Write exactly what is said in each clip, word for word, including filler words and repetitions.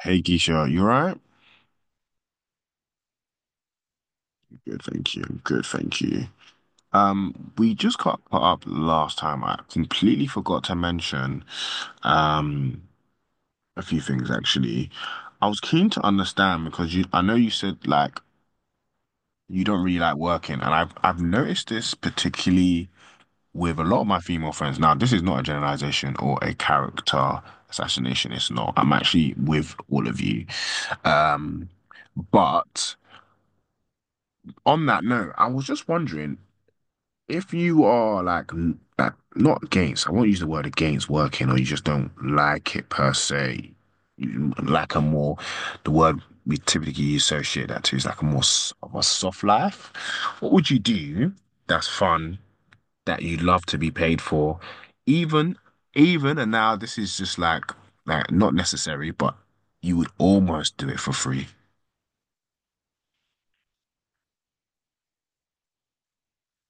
Hey Keisha, you alright? Good, thank you. Good, thank you. Um, we just got put up last time. I completely forgot to mention um a few things actually. I was keen to understand because you I know you said like you don't really like working, and I've I've noticed this particularly with a lot of my female friends. Now, this is not a generalization or a character assassination, it's not. I'm actually with all of you. Um, but On that note, I was just wondering if you are like n- like not against. I won't use the word against working, or you just don't like it per se. You like a more the word we typically associate that to is like a more s- of a soft life. What would you do that's fun that you'd love to be paid for, even even and now this is just like like not necessary, but you would almost do it for free.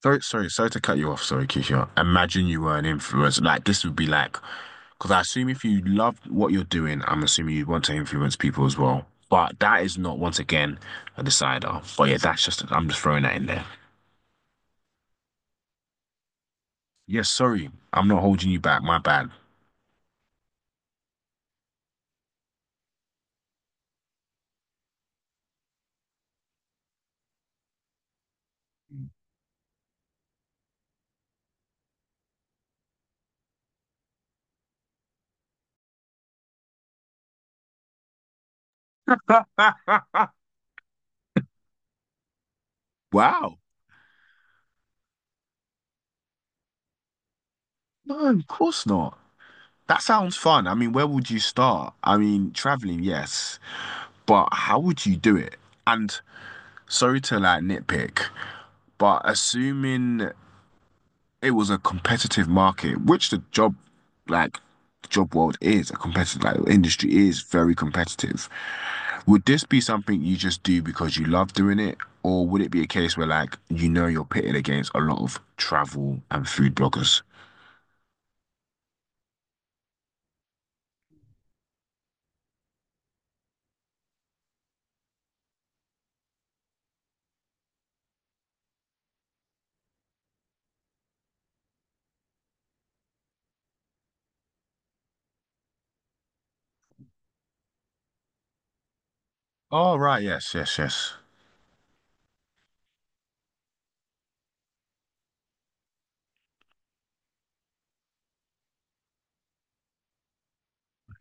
Sorry, sorry, sorry to cut you off. Sorry, Keisha. Imagine you were an influencer. Like this would be like. Because I assume if you love what you're doing, I'm assuming you want to influence people as well. But that is not, once again, a decider. But yeah, that's just, I'm just throwing that in there. Yes, sorry. I'm not holding you back. My bad. Wow. No, of course not. That sounds fun. I mean, where would you start? I mean, traveling, yes, but how would you do it? And sorry to like nitpick, but assuming it was a competitive market, which the job, like, the job world is a competitive, like, the industry is very competitive. Would this be something you just do because you love doing it, or would it be a case where, like, you know, you're pitted against a lot of travel and food bloggers? Oh, right. Yes, yes, yes.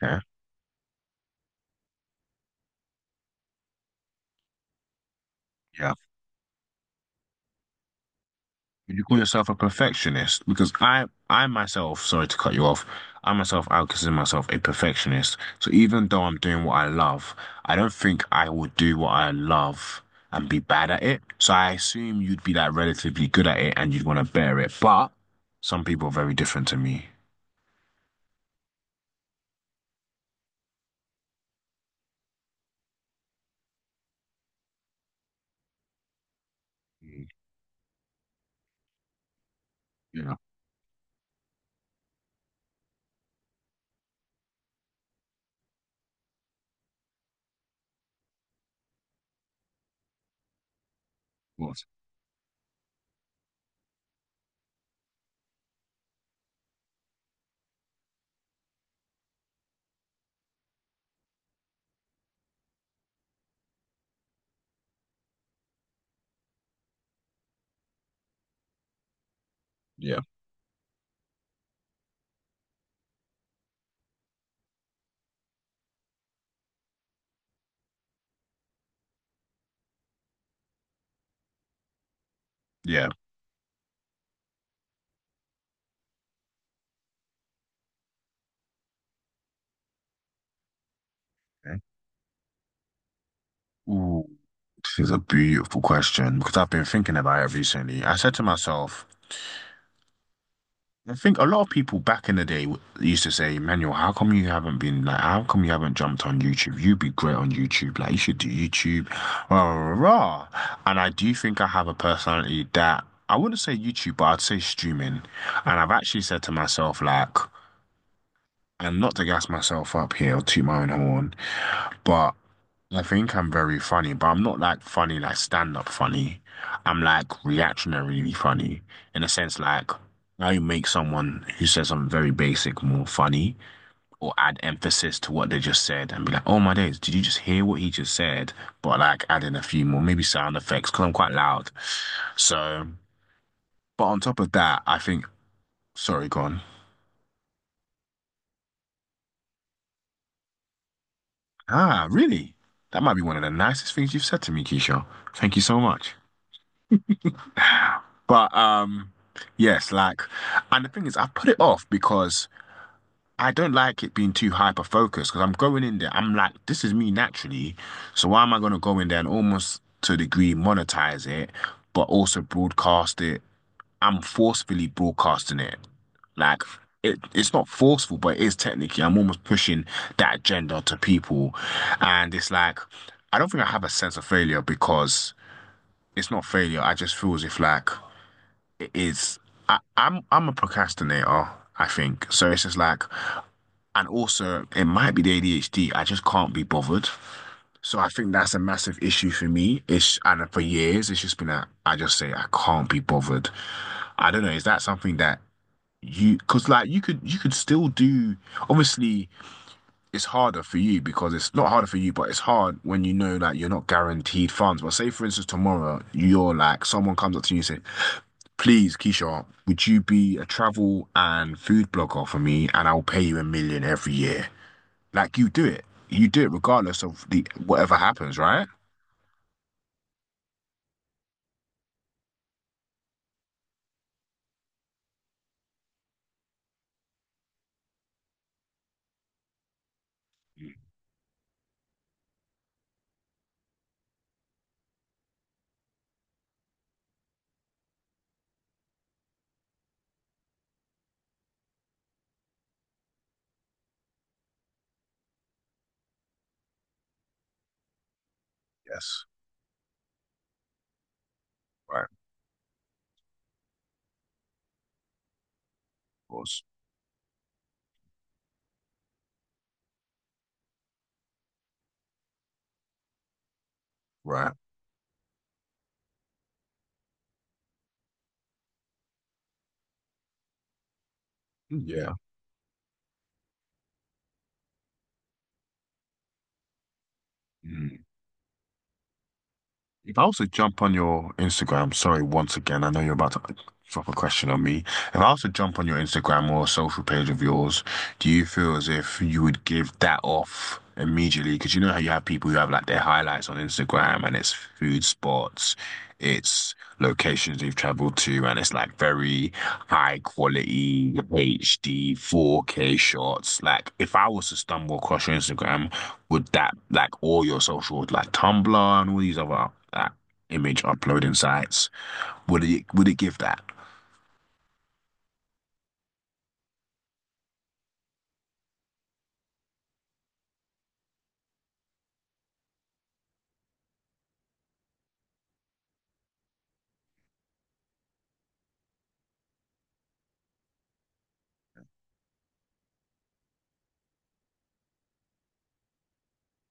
Okay. Yeah. Would you call yourself a perfectionist? Because I, I myself, sorry to cut you off, I myself, I would consider myself a perfectionist. So even though I'm doing what I love, I don't think I would do what I love and be bad at it. So I assume you'd be like relatively good at it and you'd want to bear it. But some people are very different to me. Mm, yeah, what? Yeah, yeah. Okay. Ooh. This is a beautiful question because I've been thinking about it recently. I said to myself, I think a lot of people back in the day w- used to say, Manuel, how come you haven't been like, how come you haven't jumped on YouTube? You'd be great on YouTube. Like, you should do YouTube. Rah, rah, rah. And I do think I have a personality that I wouldn't say YouTube, but I'd say streaming. And I've actually said to myself, like, and not to gas myself up here or toot my own horn, but I think I'm very funny, but I'm not like funny, like stand-up funny. I'm like reactionarily funny in a sense, like I make someone who says something very basic more funny or add emphasis to what they just said and be like, oh my days, did you just hear what he just said? But like adding a few more, maybe sound effects, because I'm quite loud. So, but on top of that, I think, sorry, gone. Ah, really? That might be one of the nicest things you've said to me, Keisha. Thank you so much. But um, yes, like, and the thing is, I put it off because I don't like it being too hyper focused. Because I'm going in there, I'm like, this is me naturally, so why am I going to go in there and almost to a degree monetize it, but also broadcast it? I'm forcefully broadcasting it. Like, it, it's not forceful, but it is technically. I'm almost pushing that agenda to people, and it's like, I don't think I have a sense of failure because it's not failure. I just feel as if like its I, I'm I'm a procrastinator, I think. So it's just like, and also it might be the A D H D. I just can't be bothered. So I think that's a massive issue for me. It's and for years it's just been that I just say I can't be bothered. I don't know. Is that something that you? Because like you could you could still do. Obviously, it's harder for you because it's not harder for you, but it's hard when you know that you're not guaranteed funds. But say for instance tomorrow you're like someone comes up to you and says, please, Keisha, would you be a travel and food blogger for me and I'll pay you a million every year? Like you do it. You do it regardless of the whatever happens, right? Yes. Right. Of course. Right. Yeah. Mm. If I was to jump on your Instagram, sorry, once again, I know you're about to drop a question on me. If I was to jump on your Instagram or a social page of yours, do you feel as if you would give that off immediately? Because you know how you have people who have like their highlights on Instagram and it's food spots, it's locations they've traveled to, and it's like very high quality H D four K shots. Like if I was to stumble across your Instagram, would that like all your social like Tumblr and all these other uh, image uploading sites? Would it would it give that?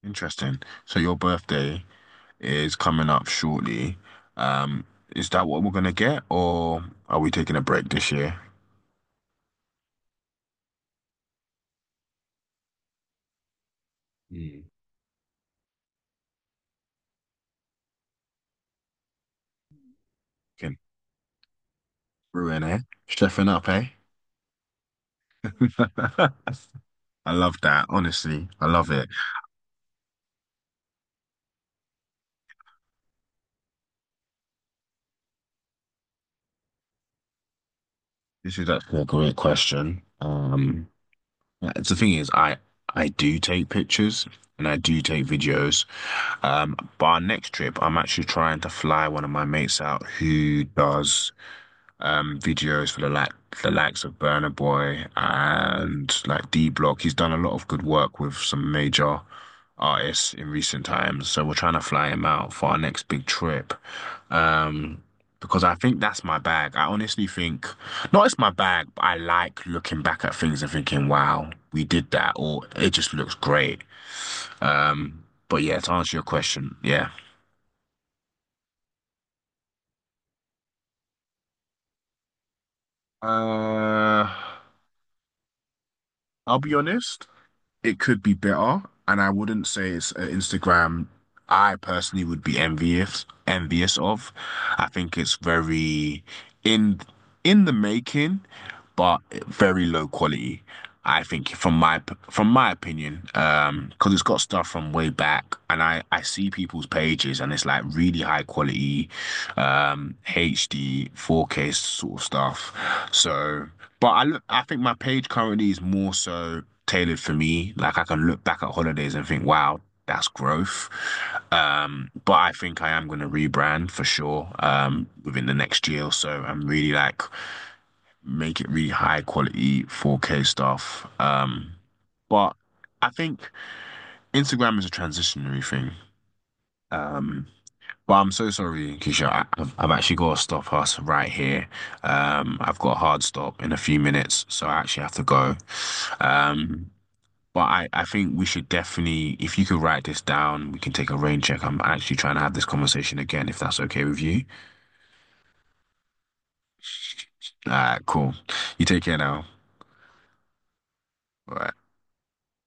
Interesting. So your birthday is coming up shortly. Um, is that what we're gonna get, or are we taking a break this year? Mm. Fucking brewing, eh? Chefing up, eh? I love that. Honestly, I love it. This is actually a great question. Um, Yeah, it's the thing is, I I do take pictures and I do take videos. Um, but our next trip, I'm actually trying to fly one of my mates out who does um videos for the like the likes of Burna Boy and like D Block. He's done a lot of good work with some major artists in recent times. So we're trying to fly him out for our next big trip. Um Because I think that's my bag. I honestly think, not it's my bag, but I like looking back at things and thinking, wow, we did that, or it just looks great. Um, but yeah, to answer your question, yeah. Uh, I'll be honest. It could be better, and I wouldn't say it's uh, Instagram I personally would be envious envious of. I think it's very in in the making but very low quality. I think from my from my opinion, um, because it's got stuff from way back, and I I see people's pages, and it's like really high quality, um, H D, four K sort of stuff. So, but I look, I think my page currently is more so tailored for me. Like I can look back at holidays and think, wow. That's growth. Um, but I think I am going to rebrand for sure um, within the next year or so. I'm really like make it really high quality four K stuff. Um, but I think Instagram is a transitionary thing. Um, but I'm so sorry, Keisha. I, I've I've actually got to stop us right here. Um, I've got a hard stop in a few minutes, so I actually have to go. Um, but I, I think we should definitely, if you could write this down, we can take a rain check. I'm actually trying to have this conversation again, if that's okay with you. All right, cool. You take care now. All right.